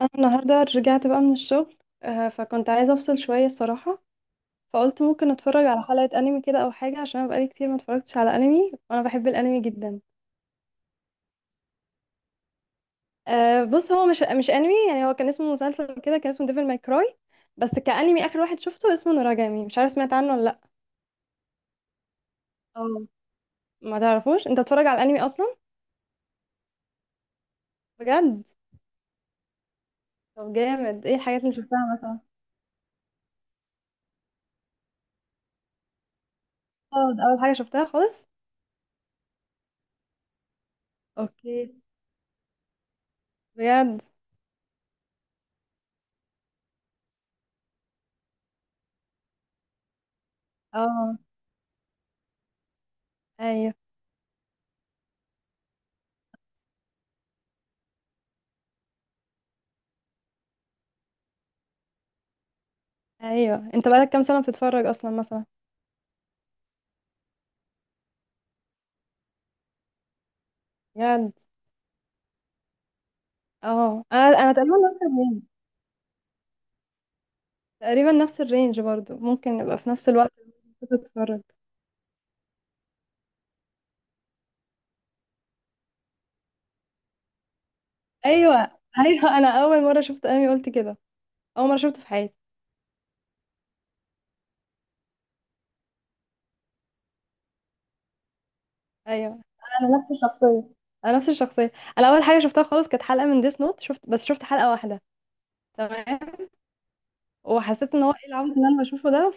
انا النهارده رجعت بقى من الشغل. فكنت عايزه افصل شويه الصراحه. فقلت ممكن اتفرج على حلقه انمي كده او حاجه عشان انا بقالي كتير ما اتفرجتش على انمي وانا بحب الانمي جدا. بص، هو مش انمي يعني، هو كان اسمه مسلسل كده، كان اسمه ديفل ماي كراي. بس كانمي اخر واحد شفته اسمه نوراجامي، مش عارف سمعت عنه ولا لا؟ اه. ما تعرفوش انت بتتفرج على الانمي اصلا؟ بجد؟ طب جامد، ايه الحاجات اللي شفتها مثلا؟ اه، ده اول حاجه شفتها خالص. اوكي. بجد؟ اه، ايوه ايوه، انت بقالك كام سنه بتتفرج اصلا مثلا؟ بجد؟ اه، انا تقريبا نفس الرينج. تقريبا نفس الرينج برضو، ممكن نبقى في نفس الوقت. بتتفرج؟ ايوه ايوه، انا اول مره شفت انمي قلت كده. اول مره شفته في حياتي. ايوه، انا نفس الشخصيه. انا نفس الشخصيه. انا اول حاجه شفتها خالص كانت حلقه من ديس نوت، شفت بس شفت حلقه واحده. تمام. وحسيت ان هو ايه العبط اللي انا بشوفه ده.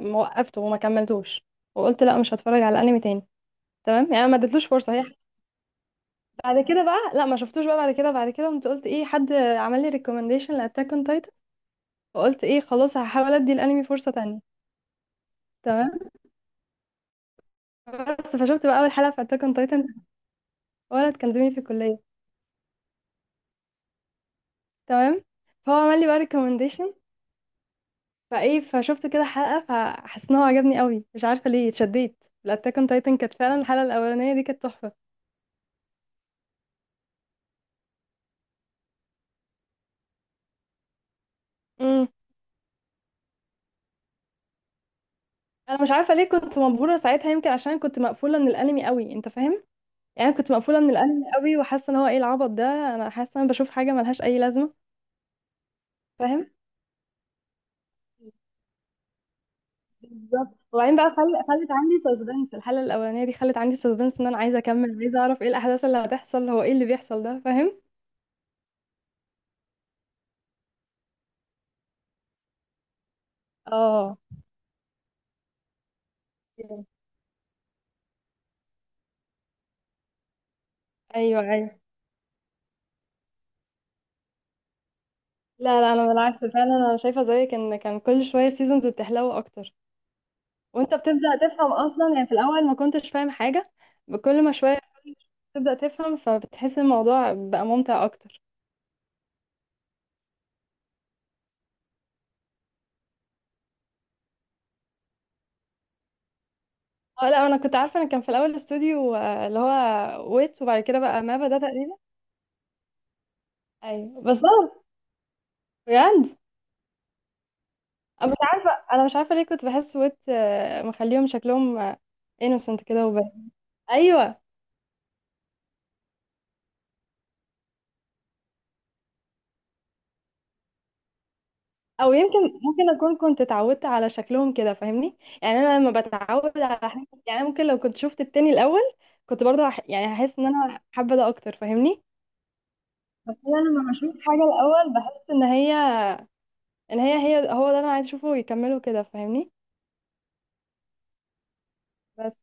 فوقفته وما كملتوش. وقلت لا، مش هتفرج على انمي تاني. تمام، يعني ما اديتلوش فرصه هي. بعد كده بقى لا، ما شفتوش بقى، بعد كده بعد كده قمت قلت ايه، حد عمل لي ريكومنديشن لاتاك اون. فقلت ايه، خلاص هحاول ادي الانمي فرصه تانية. تمام. بس فشفت بقى اول حلقه في اتاك اون تايتن. ولد كان زميلي في الكليه. تمام. فهو عمل لي بقى ريكومنديشن. فايه، فشفت كده حلقه، فحسيت ان هو عجبني قوي، مش عارفه ليه اتشديت الاتاك اون تايتن. كانت فعلا الحلقه الاولانيه دي كانت تحفه. امم انا مش عارفه ليه كنت مبهوره ساعتها، يمكن عشان كنت مقفوله من الانمي قوي، انت فاهم. يعني كنت مقفوله من الانمي قوي وحاسه ان هو ايه العبط ده. انا حاسه ان انا بشوف حاجه ملهاش اي لازمه. فاهم. بالظبط، وبعدين بقى خلت عندي سسبنس. الحلقة الأولانية دي خلت عندي سسبنس، إن أنا عايزة أكمل، عايزة أعرف إيه الأحداث اللي هتحصل، هو إيه اللي بيحصل ده، فاهم. اه، أيوه أيوه. لا لا، أنا بالعكس فعلا، أنا شايفة زيك إن كان كل شوية سيزونز بتحلو أكتر. وأنت بتبدأ تفهم أصلا، يعني في الأول ما كنتش فاهم حاجة. كل ما شوية تبدأ تفهم، فبتحس الموضوع بقى ممتع أكتر. اه لا، أنا كنت عارفة، أنا كان في الأول استوديو اللي هو ويت، وبعد كده بقى مابا ده تقريبا. أيوه بالظبط. بجد. أنا مش عارفة، أنا مش عارفة ليه كنت بحس ويت مخليهم شكلهم انوسنت كده وباهي. أيوة. أو يمكن ممكن أكون كنت اتعودت على شكلهم كده فاهمني، يعني أنا لما بتعود على حاجة، يعني أنا ممكن لو كنت شفت التاني الأول كنت برضه يعني هحس إن أنا حابة ده أكتر، فاهمني. بس أنا لما بشوف حاجة الأول بحس إن هي. إن هي هو ده أنا عايز أشوفه يكمله كده، فاهمني. بس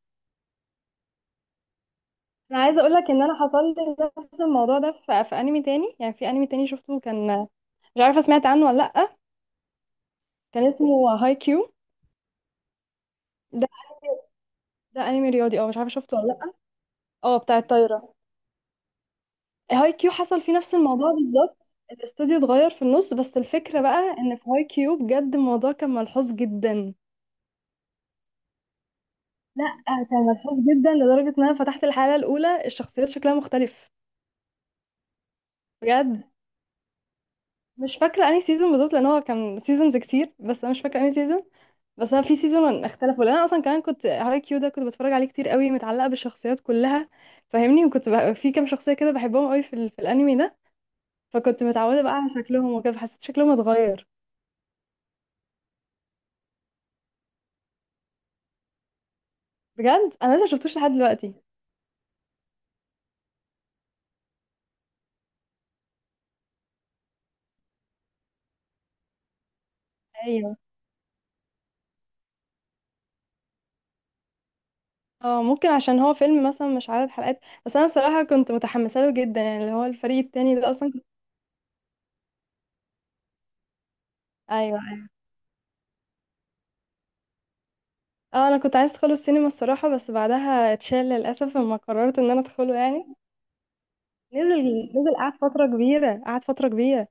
أنا عايزة أقول لك إن أنا حصل لي نفس الموضوع ده في أنمي تاني. يعني في أنمي تاني شفته كان، مش عارفة سمعت عنه ولا لأ. كان اسمه هاي كيو. ده ده انمي رياضي، اه مش عارفه شفته ولا لا. اه، بتاع الطايره. هاي كيو حصل فيه نفس الموضوع بالظبط. الاستوديو اتغير في النص، بس الفكره بقى ان في هاي كيو بجد الموضوع كان ملحوظ جدا. لا، كان ملحوظ جدا لدرجه ان انا فتحت الحلقه الاولى الشخصيات شكلها مختلف. بجد. مش فاكرة انهي سيزون بالظبط، لان هو كان سيزونز كتير، بس انا مش فاكرة انهي سيزون. بس انا في سيزون اختلفوا، لان انا اصلا كمان كنت هاي كيو ده كنت بتفرج عليه كتير قوي، متعلقة بالشخصيات كلها، فاهمني. وكنت بقى في كام شخصية كده بحبهم قوي في الانمي ده. فكنت متعودة بقى على شكلهم وكده، فحسيت شكلهم اتغير. بجد، انا لسه شفتوش لحد دلوقتي. ايوه. اه ممكن عشان هو فيلم مثلا، مش عدد حلقات. بس انا الصراحة كنت متحمسة له جدا، يعني اللي هو الفريق التاني ده اصلا كنت. ايوه ايوه. اه، انا كنت عايز ادخله السينما الصراحة، بس بعدها اتشال للاسف لما قررت ان انا ادخله يعني. نزل نزل، قعد فترة كبيرة، قعد فترة كبيرة.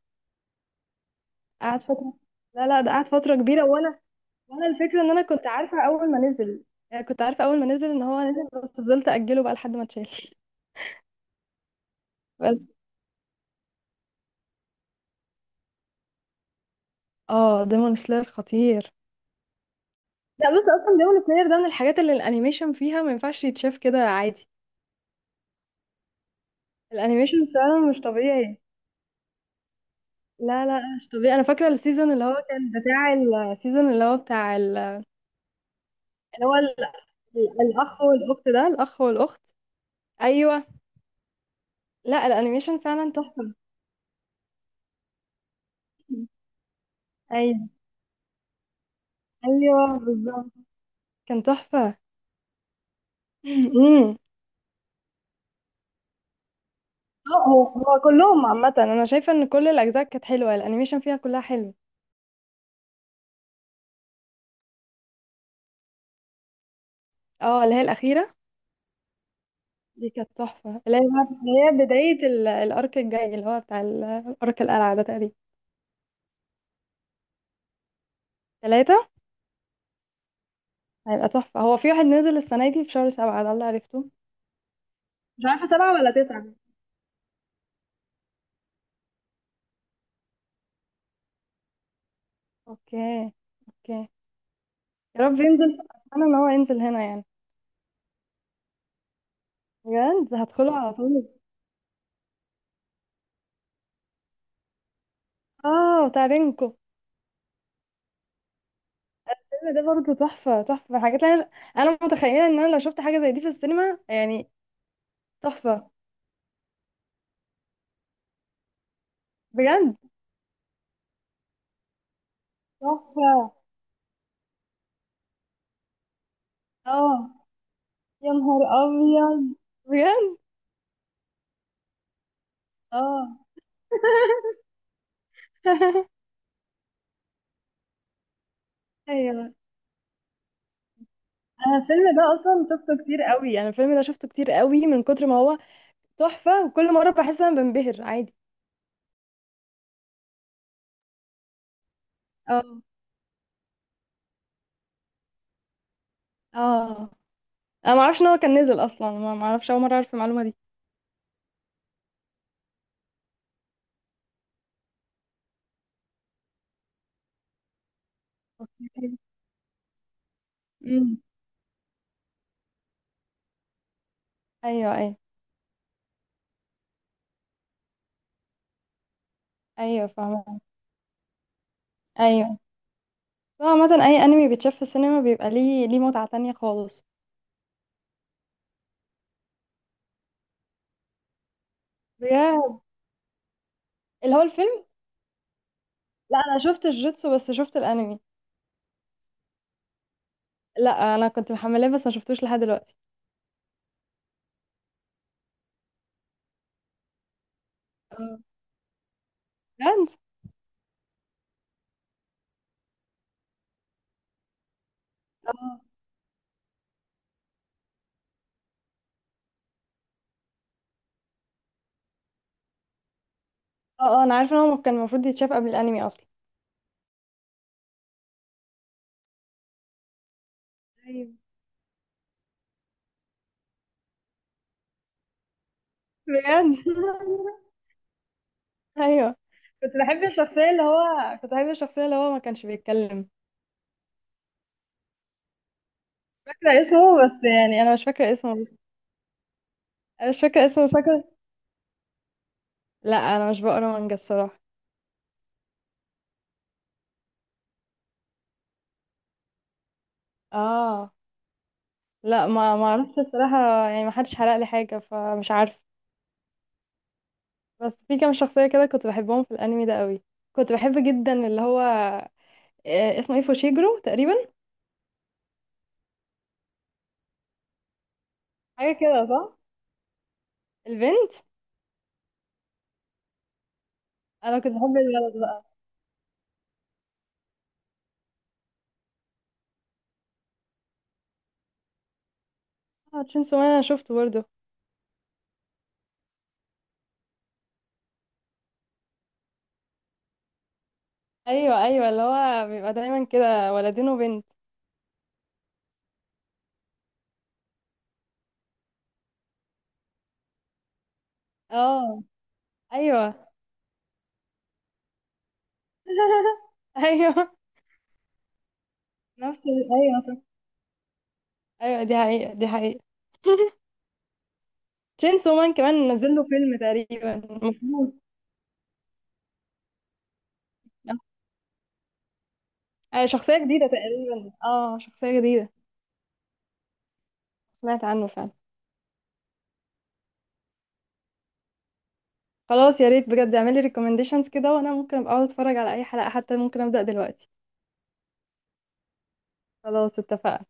قعد فترة. لا لا، ده قعد فترة كبيرة وانا. وانا الفكرة ان انا كنت عارفة اول ما نزل. يعني كنت عارفة اول ما نزل ان هو نزل، بس فضلت اجله بقى لحد ما اتشال. بس. اه، ديمون سلاير خطير. لا بس اصلا ديمون سلاير ده من الحاجات اللي الانيميشن فيها ما ينفعش يتشاف كده عادي. الانيميشن فعلا مش طبيعي. لا لا، مش طبيعي. انا فاكرة السيزون اللي هو كان بتاع. السيزون اللي هو بتاع اللي هو الاخ والاخت ده الاخ والاخت. ايوه. لا، الانيميشن فعلا تحفه. ايوه ايوه بالظبط. كان تحفه. امم. اه، هو كلهم عامه انا شايفه ان كل الاجزاء كانت حلوه الانيميشن فيها كلها حلو. اه، اللي هي الاخيره. دي كانت تحفه، اللي هي بدايه الارك الجاي اللي هو بتاع ارك القلعه ده تقريبا. ثلاثه. هيبقى تحفه، هو في واحد نزل السنه دي في شهر سبعه ده اللي عرفته. مش عارفة سبعة ولا تسعة. اوكي اوكي. يا رب ينزل. انا ان هو ينزل هنا يعني. بجد هدخله على طول. اه بتاع رينكو. ده برضه تحفة، تحفة حاجات انا. انا متخيلة ان انا لو شفت حاجة زي دي في السينما يعني. تحفة. بجد. تحفة. اه، يا نهار ابيض. بجد. اه. ايوه. انا الفيلم ده اصلا شفته كتير قوي، انا الفيلم ده شفته كتير قوي من كتر ما هو تحفة. وكل مرة بحس ان انا بنبهر عادي. اه. اه انا ما اعرفش ان هو كان نزل اصلا، ما اعرفش، اول مرة اعرف المعلومة دي. اوكي. امم. ايوه ايوه. ايوه فاهمة. ايوه، هو عامة أي أنمي بيتشاف في السينما بيبقى ليه متعة تانية خالص. بجد. اللي هو الفيلم. لا، أنا شفت الجوتسو بس، شفت الأنمي. لا أنا كنت محملاه بس ما شفتوش لحد دلوقتي. اه. بجد. اه اه، أنا عارفة إن هو كان المفروض يتشاف قبل الأنمي أصلا. ايوه. بجد. أيوه. كنت بحب الشخصية، اللي هو كنت بحب الشخصية اللي هو ما كانش بيتكلم. فاكرة اسمه بس، يعني أنا مش فاكرة اسمه بس. أنا مش فاكرة اسمه ساكر. لا، أنا مش بقرا مانجا الصراحة. اه لا، ما اعرفش الصراحه، يعني ما حدش حرق لي حاجه فمش عارف. بس في كام شخصيه كده كنت بحبهم في الانمي ده قوي. كنت بحب جدا اللي هو اسمه ايه، فوشيجرو تقريبا. حاجه كده صح. البنت. انا كنت بحب الولد بقى. اه، تشينسو مان انا شفته برضه. ايوه ايوه، اللي هو بيبقى دايما كده ولدين وبنت. اه ايوه ايوه. ايوه صح. ايوه، دي حقيقه دي حقيقه. تشينسو مان كمان نزل له فيلم تقريبا المفروض. شخصية جديدة تقريبا، اه شخصية جديدة. سمعت عنه فعلا. خلاص، يا ريت بجد اعملي ريكومنديشنز كده، وانا ممكن ابقى اقعد اتفرج على اي حلقة، حتى ممكن ابدأ دلوقتي. خلاص اتفقنا.